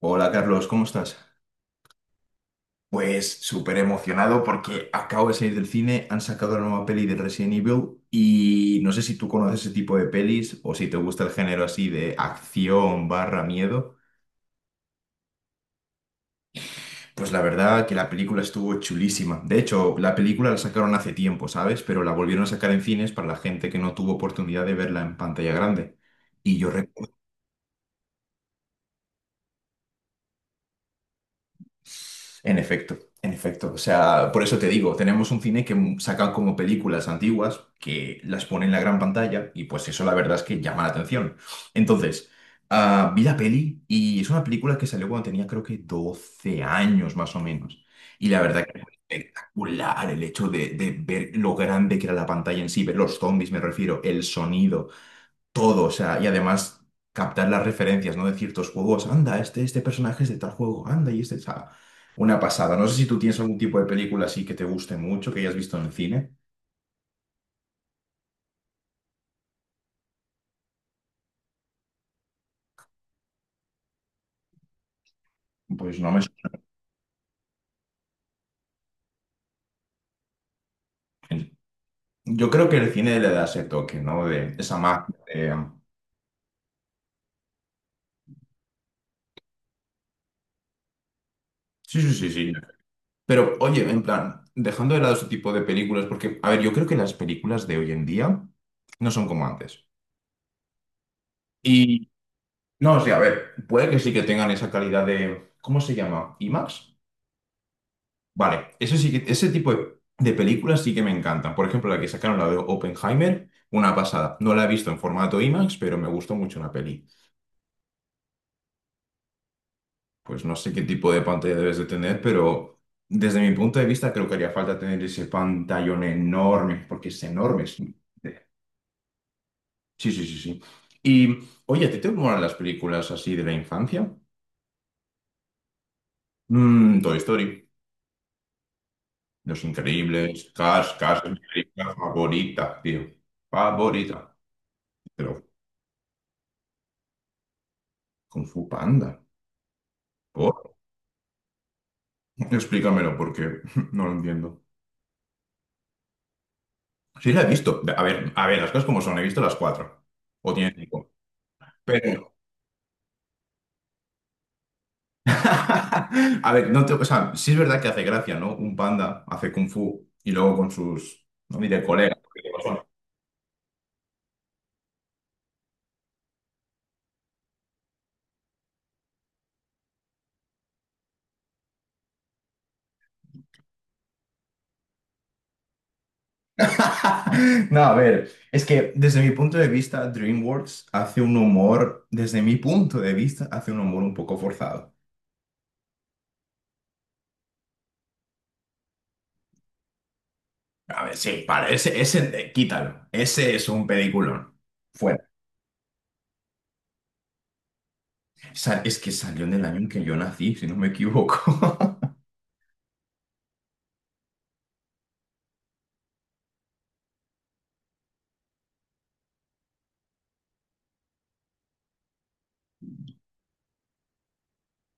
Hola Carlos, ¿cómo estás? Pues súper emocionado porque acabo de salir del cine, han sacado la nueva peli de Resident Evil y no sé si tú conoces ese tipo de pelis o si te gusta el género así de acción barra miedo. Pues la verdad que la película estuvo chulísima. De hecho, la película la sacaron hace tiempo, ¿sabes? Pero la volvieron a sacar en cines para la gente que no tuvo oportunidad de verla en pantalla grande. Y yo En efecto, en efecto. O sea, por eso te digo, tenemos un cine que saca como películas antiguas que las pone en la gran pantalla y pues eso la verdad es que llama la atención. Entonces, vi la peli y es una película que salió cuando tenía creo que 12 años más o menos. Y la verdad que fue espectacular el hecho de ver lo grande que era la pantalla en sí, ver los zombies, me refiero, el sonido, todo, o sea, y además captar las referencias, ¿no? De ciertos juegos, anda, este personaje es de tal juego, anda, y este, o sea, una pasada. No sé si tú tienes algún tipo de película así que te guste mucho, que hayas visto en el cine, pues no me sorprende. Yo creo que el cine le da ese toque, ¿no? De esa magia. Sí, sí, sí, sí. Pero, oye, en plan, dejando de lado ese tipo de películas, porque, a ver, yo creo que las películas de hoy en día no son como antes. Y, no, o sea, a ver, puede que sí que tengan esa calidad de, ¿cómo se llama? ¿IMAX? Vale, eso sí que, ese tipo de películas sí que me encantan. Por ejemplo, la que sacaron, la de Oppenheimer, una pasada. No la he visto en formato IMAX, pero me gustó mucho la peli. Pues no sé qué tipo de pantalla debes de tener, pero desde mi punto de vista creo que haría falta tener ese pantallón enorme, porque es enorme. Sí, sí, sí, sí. Y, oye, ¿a ti te molan las películas así de la infancia? Mm, Toy Story, Los Increíbles, Cars, Cars es mi película favorita, tío. Favorita. Pero Kung Fu Panda. Oh, explícamelo porque no lo entiendo. Sí, la he visto. A ver, las cosas como son, he visto las cuatro. O tiene cinco. Pero. A ver, no te- o sea, sí es verdad que hace gracia, ¿no? Un panda hace kung fu y luego con sus. No diré colegas. Porque como son. No, a ver, es que desde mi punto de vista, DreamWorks hace un humor, desde mi punto de vista, hace un humor un poco forzado. A ver, sí, para, ese, quítalo. Ese es un peliculón. Fuera. Es que salió en el año en que yo nací, si no me equivoco.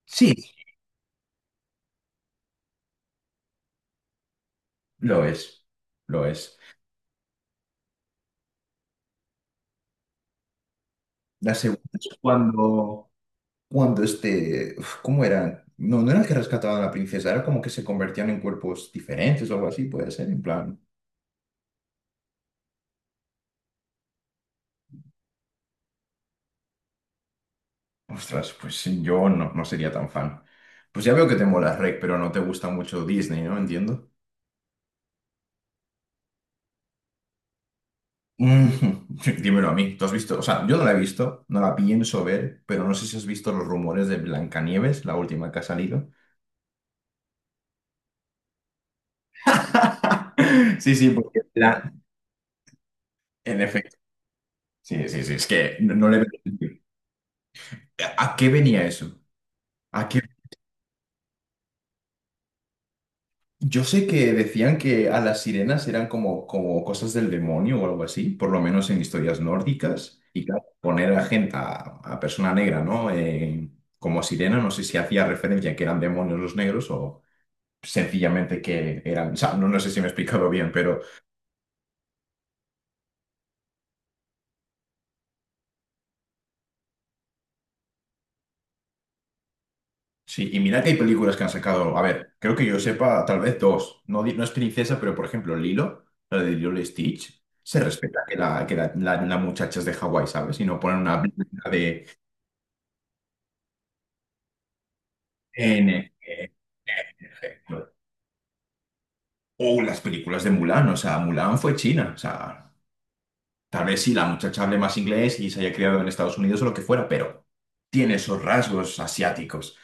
Sí, lo es, lo es. La segunda es cuando este, uf, ¿cómo eran? No, no era que rescataban a la princesa, era como que se convertían en cuerpos diferentes o algo así, puede ser, en plan, ostras, pues sí, yo no, no sería tan fan. Pues ya veo que te mola Rec, pero no te gusta mucho Disney, ¿no? Entiendo. Mm, dímelo a mí, ¿tú has visto? O sea, yo no la he visto, no la pienso ver, pero no sé si has visto los rumores de Blancanieves, la última que ha salido. Sí, sí, en efecto. Sí, sí, sí, es que no, no le veo sentido. ¿A qué venía eso? ¿A qué? Yo sé que decían que a las sirenas eran como, como cosas del demonio o algo así, por lo menos en historias nórdicas. Y claro, poner a gente, a persona negra, ¿no? Como sirena, no sé si hacía referencia a que eran demonios los negros o sencillamente que eran. O sea, no, no sé si me he explicado bien, pero. Sí, y mira que hay películas que han sacado. A ver, creo que yo sepa, tal vez dos. No, no es princesa, pero por ejemplo, Lilo, la de Lilo y Stitch, se respeta que la muchacha es de Hawái, ¿sabes? Y no ponen una película de N. N, N, N. O las películas de Mulan, o sea, Mulan fue China, o sea. Tal vez sí, la muchacha hable más inglés y se haya criado en Estados Unidos o lo que fuera, pero tiene esos rasgos asiáticos.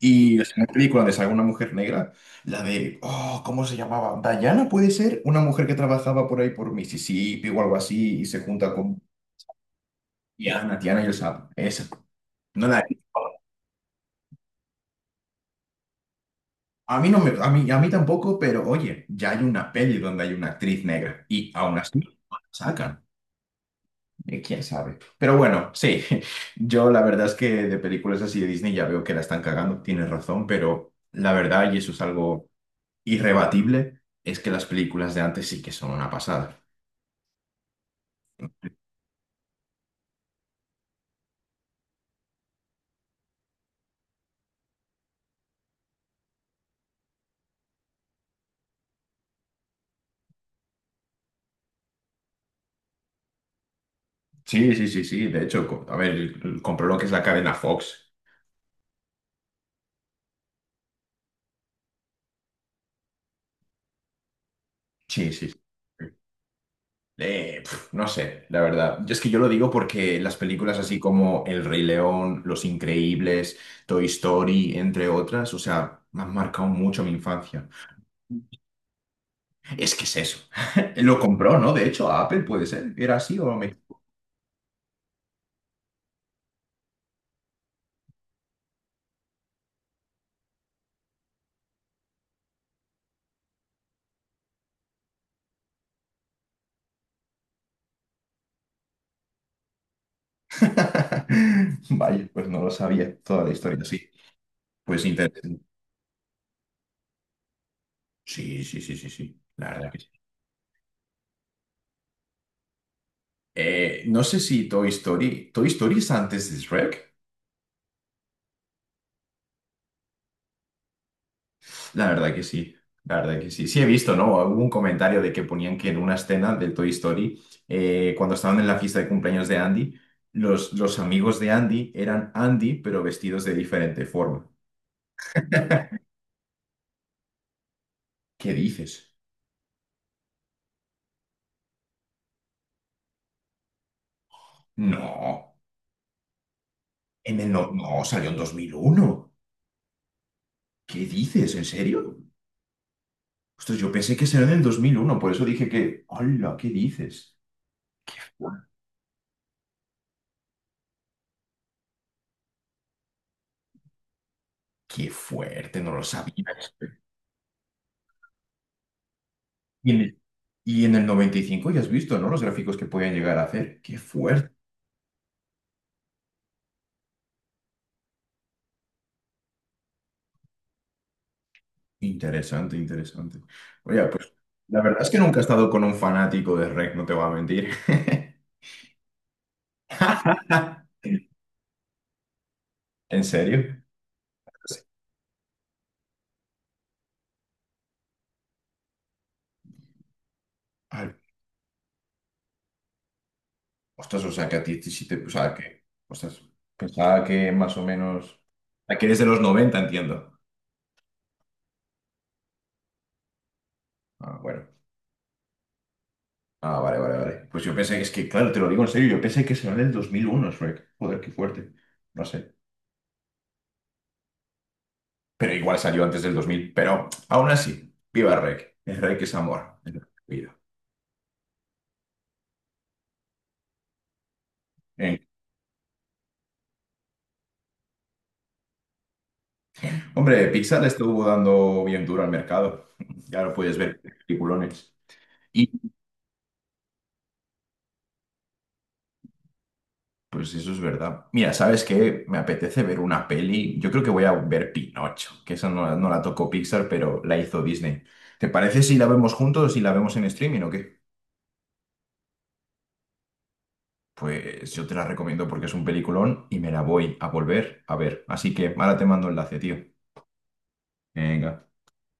Y es una película donde sale una mujer negra, la de, oh, ¿cómo se llamaba? Diana puede ser una mujer que trabajaba por ahí por Mississippi o algo así y se junta con Tiana, Tiana y el Sapo. Esa. No la he visto. A mí no me, a mí tampoco, pero oye, ya hay una peli donde hay una actriz negra y aún así no la sacan. ¿Quién sabe? Pero bueno, sí, yo la verdad es que de películas así de Disney ya veo que la están cagando, tienes razón, pero la verdad, y eso es algo irrebatible, es que las películas de antes sí que son una pasada. Sí, sí, sí, sí, de hecho, a ver, compró lo que es la cadena Fox. Sí, sí. sí. Pf, no sé, la verdad. Yo es que yo lo digo porque las películas así como El Rey León, Los Increíbles, Toy Story, entre otras, o sea, me han marcado mucho mi infancia. Es que es eso. Lo compró, ¿no? De hecho, a Apple puede ser. ¿Era así o me... Vaya, pues no lo sabía toda la historia, sí. Pues interesante. Sí, sí, sí, sí, sí. La verdad que sí. No sé si Toy Story... ¿Toy Story es antes de Shrek? La verdad que sí. La verdad que sí. Sí he visto, ¿no? Hubo un comentario de que ponían que en una escena del Toy Story, cuando estaban en la fiesta de cumpleaños de Andy, los amigos de Andy eran Andy, pero vestidos de diferente forma. ¿Qué dices? No. En el No, no, salió en 2001. ¿Qué dices? ¿En serio? Ostras, yo pensé que salió en el 2001. Por eso dije que, hola, ¿qué dices? Qué fuerte, no lo sabía. Y en el, y en el 95 ya has visto, ¿no? Los gráficos que podían llegar a hacer. Qué fuerte. Interesante, interesante. Oye, pues la verdad es que nunca he estado con un fanático de REC, no te voy a mentir. ¿En serio? Al Ostras, o sea, que a ti sí te... O sea, que... Ostras, pensaba que más o menos... Ah, que eres de los 90, entiendo. Ah, bueno. Ah, vale, vale, vale. Pues yo pensé que es que, claro, te lo digo en serio, yo pensé que salió en el 2001, Shrek. Joder, qué fuerte. No sé. Pero igual salió antes del 2000. Pero aún así, viva Rek. El Rek es amor. Es lo que pido. Eh, Hombre, Pixar le estuvo dando bien duro al mercado. Ya lo puedes ver, peliculones. Pues eso es verdad. Mira, ¿sabes qué? Me apetece ver una peli. Yo creo que voy a ver Pinocho, que esa no, no la tocó Pixar, pero la hizo Disney. ¿Te parece si la vemos juntos, si la vemos en streaming o qué? Pues yo te la recomiendo porque es un peliculón y me la voy a volver a ver. Así que ahora te mando enlace, tío. Venga.